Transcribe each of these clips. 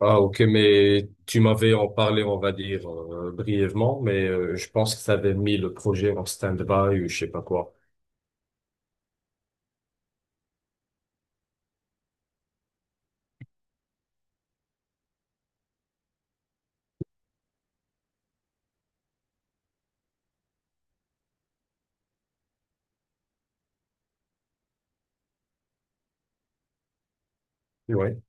Ah, ok, mais tu m'avais en parlé, on va dire, brièvement, mais je pense que ça avait mis le projet en stand-by ou je sais pas quoi. Ouais.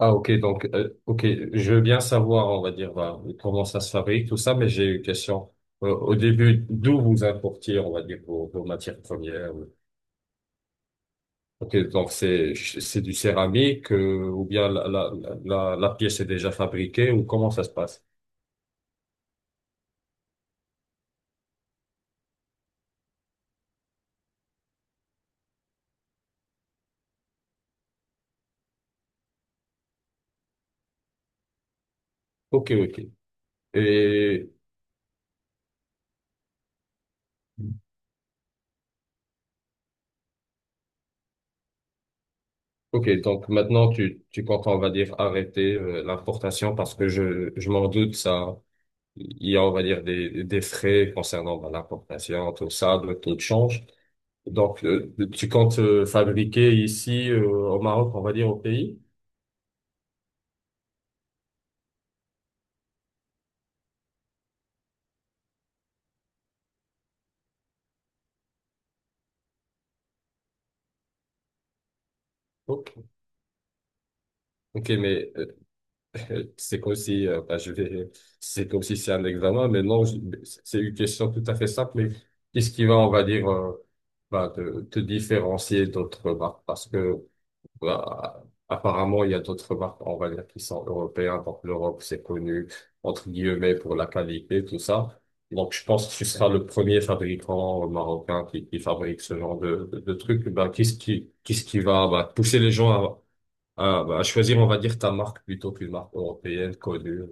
Ah, ok, donc, ok, je veux bien savoir, on va dire, bah, comment ça se fabrique, tout ça, mais j'ai une question. Au début, d'où vous importiez, on va dire, vos matières premières? Ou- ok, donc c'est du céramique, ou bien la pièce est déjà fabriquée, ou comment ça se passe? Ok, ok. Et... Ok, donc maintenant tu comptes, on va dire, arrêter l'importation parce que je m'en doute, ça, il y a, on va dire, des frais concernant bah, l'importation, tout ça, le taux de change. Donc, tu comptes fabriquer ici au Maroc, on va dire, au pays? Ok, ok, mais c'est comme si, bah, c'est comme si c'est un examen, mais non, c'est une question tout à fait simple, mais qu'est-ce qui va, on va dire, bah, te différencier d'autres marques? Parce que bah, apparemment, il y a d'autres marques, on va dire, qui sont européennes. Donc, l'Europe, c'est connu, entre guillemets, pour la qualité, tout ça. Donc, je pense que tu seras le premier fabricant marocain qui fabrique ce genre de trucs. Bah, qu'est-ce qui va, bah, pousser les gens à, bah, à choisir, on va dire, ta marque plutôt qu'une marque européenne connue?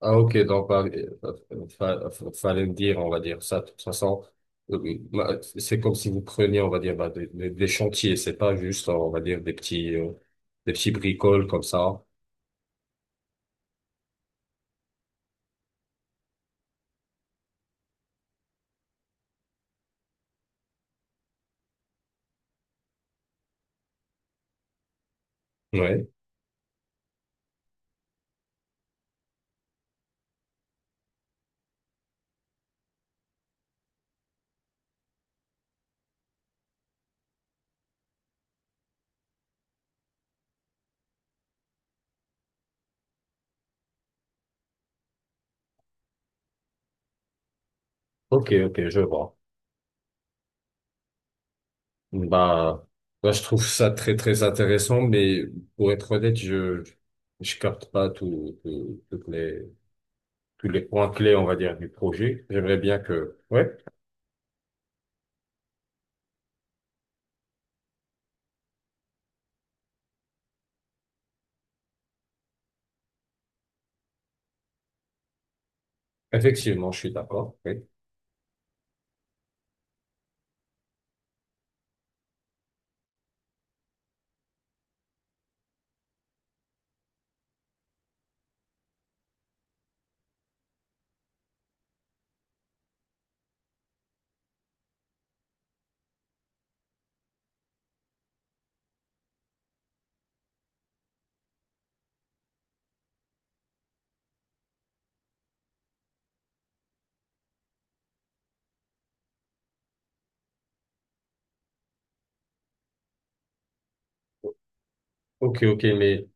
Ah ok, donc bah, fallait me dire, on va dire ça. De toute façon, bah, c'est comme si vous preniez, on va dire, bah, des chantiers. C'est pas juste, on va dire, des petits bricoles comme ça. Ouais. Ok, ok, je vois. Bah, bah, je trouve ça très intéressant, mais pour être honnête, je capte pas toutes tous les points clés, on va dire, du projet. J'aimerais bien que, ouais, effectivement, je suis d'accord. Oui. Ok, ok, mais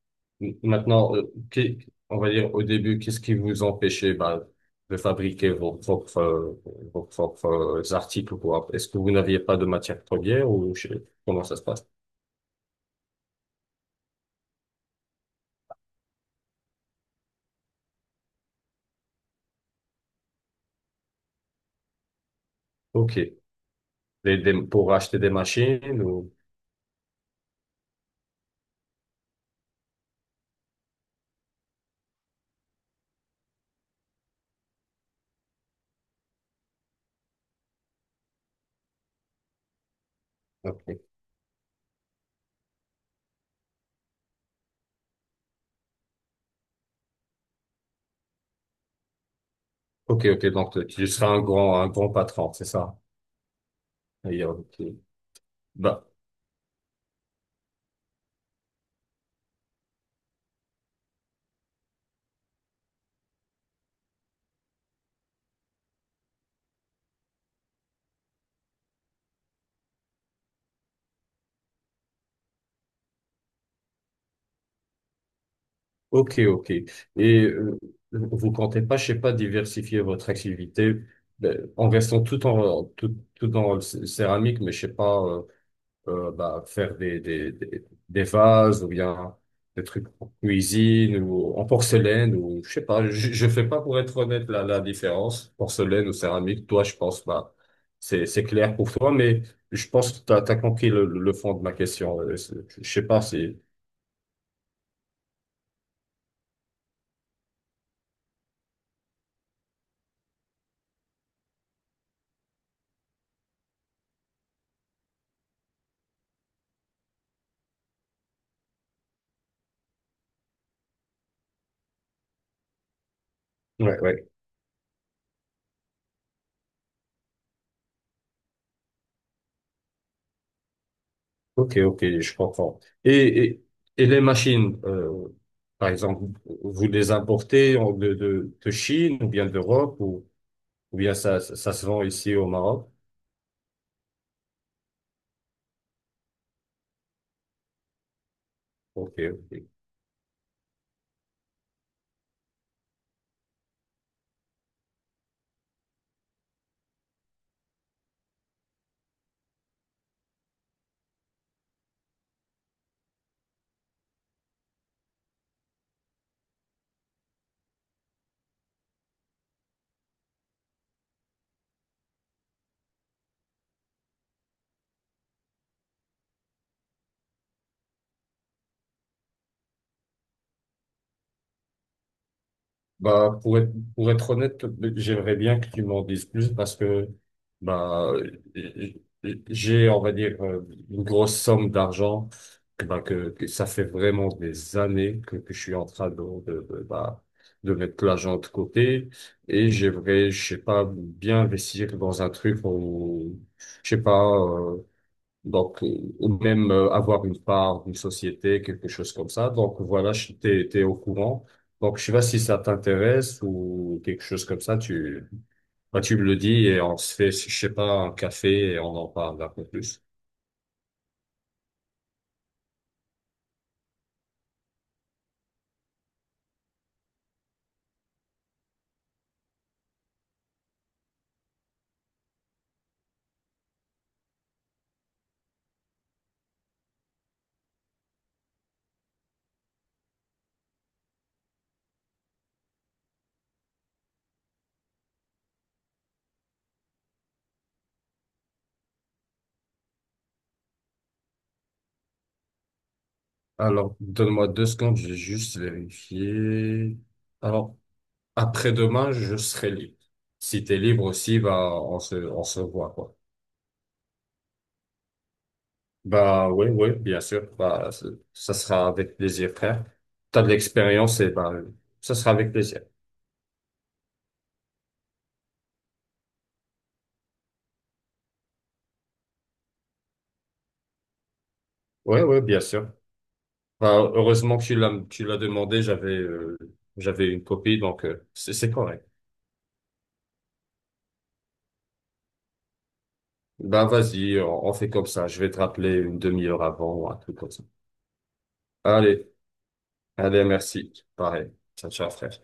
maintenant, qu'est- on va dire au début, qu'est-ce qui vous empêchait bah, de fabriquer vos propres articles ou quoi? Est-ce que vous n'aviez pas de matière première ou comment ça se passe? Ok, pour acheter des machines ou... ok, ok, donc tu seras un grand patron, c'est ça? D'ailleurs, ok. Bah, ok, ok. Et vous comptez pas, je sais pas, diversifier votre activité en restant tout dans le céramique, mais je sais pas, bah, faire des vases ou bien des trucs en cuisine ou en porcelaine ou je sais pas. Je fais pas pour être honnête la différence porcelaine ou céramique. Toi, je pense, bah, c'est clair pour toi, mais je pense que t'as compris le fond de ma question. C'est- je sais pas si. Ouais, ouais. Ok, ok, je comprends. Et, et les machines, par exemple, vous les importez en- de Chine ou bien d'Europe ou bien ça se vend ici au Maroc? Ok, ok. Bah, pour être honnête, j'aimerais bien que tu m'en dises plus parce que, bah, j'ai, on va dire, une grosse somme d'argent que, bah, que ça fait vraiment des années que je suis en train de, bah, de mettre l'argent de côté et j'aimerais, je sais pas, bien investir dans un truc où, je sais pas, donc, ou même avoir une part d'une société, quelque chose comme ça. Donc, voilà, t'es, t'es au courant. Donc, je sais pas si ça t'intéresse ou quelque chose comme ça, tu, bah, tu me le dis et on se fait, je sais pas, un café et on en parle un peu plus. Alors, donne-moi deux secondes, je vais juste vérifier. Alors, après-demain, je serai libre. Si t'es libre aussi, bah, on se voit, quoi. Bah oui, oui, bien sûr. Bah, c- ça sera avec plaisir, frère. T'as de l'expérience et bah, ça sera avec plaisir. Oui, oui, bien sûr. Bah, heureusement que tu l'as demandé. J'avais, j'avais une copie, donc c'est correct. Bah vas-y, on fait comme ça. Je vais te rappeler une demi-heure avant ou un truc comme ça. Allez, allez, merci. Pareil. Ciao, ciao, frère.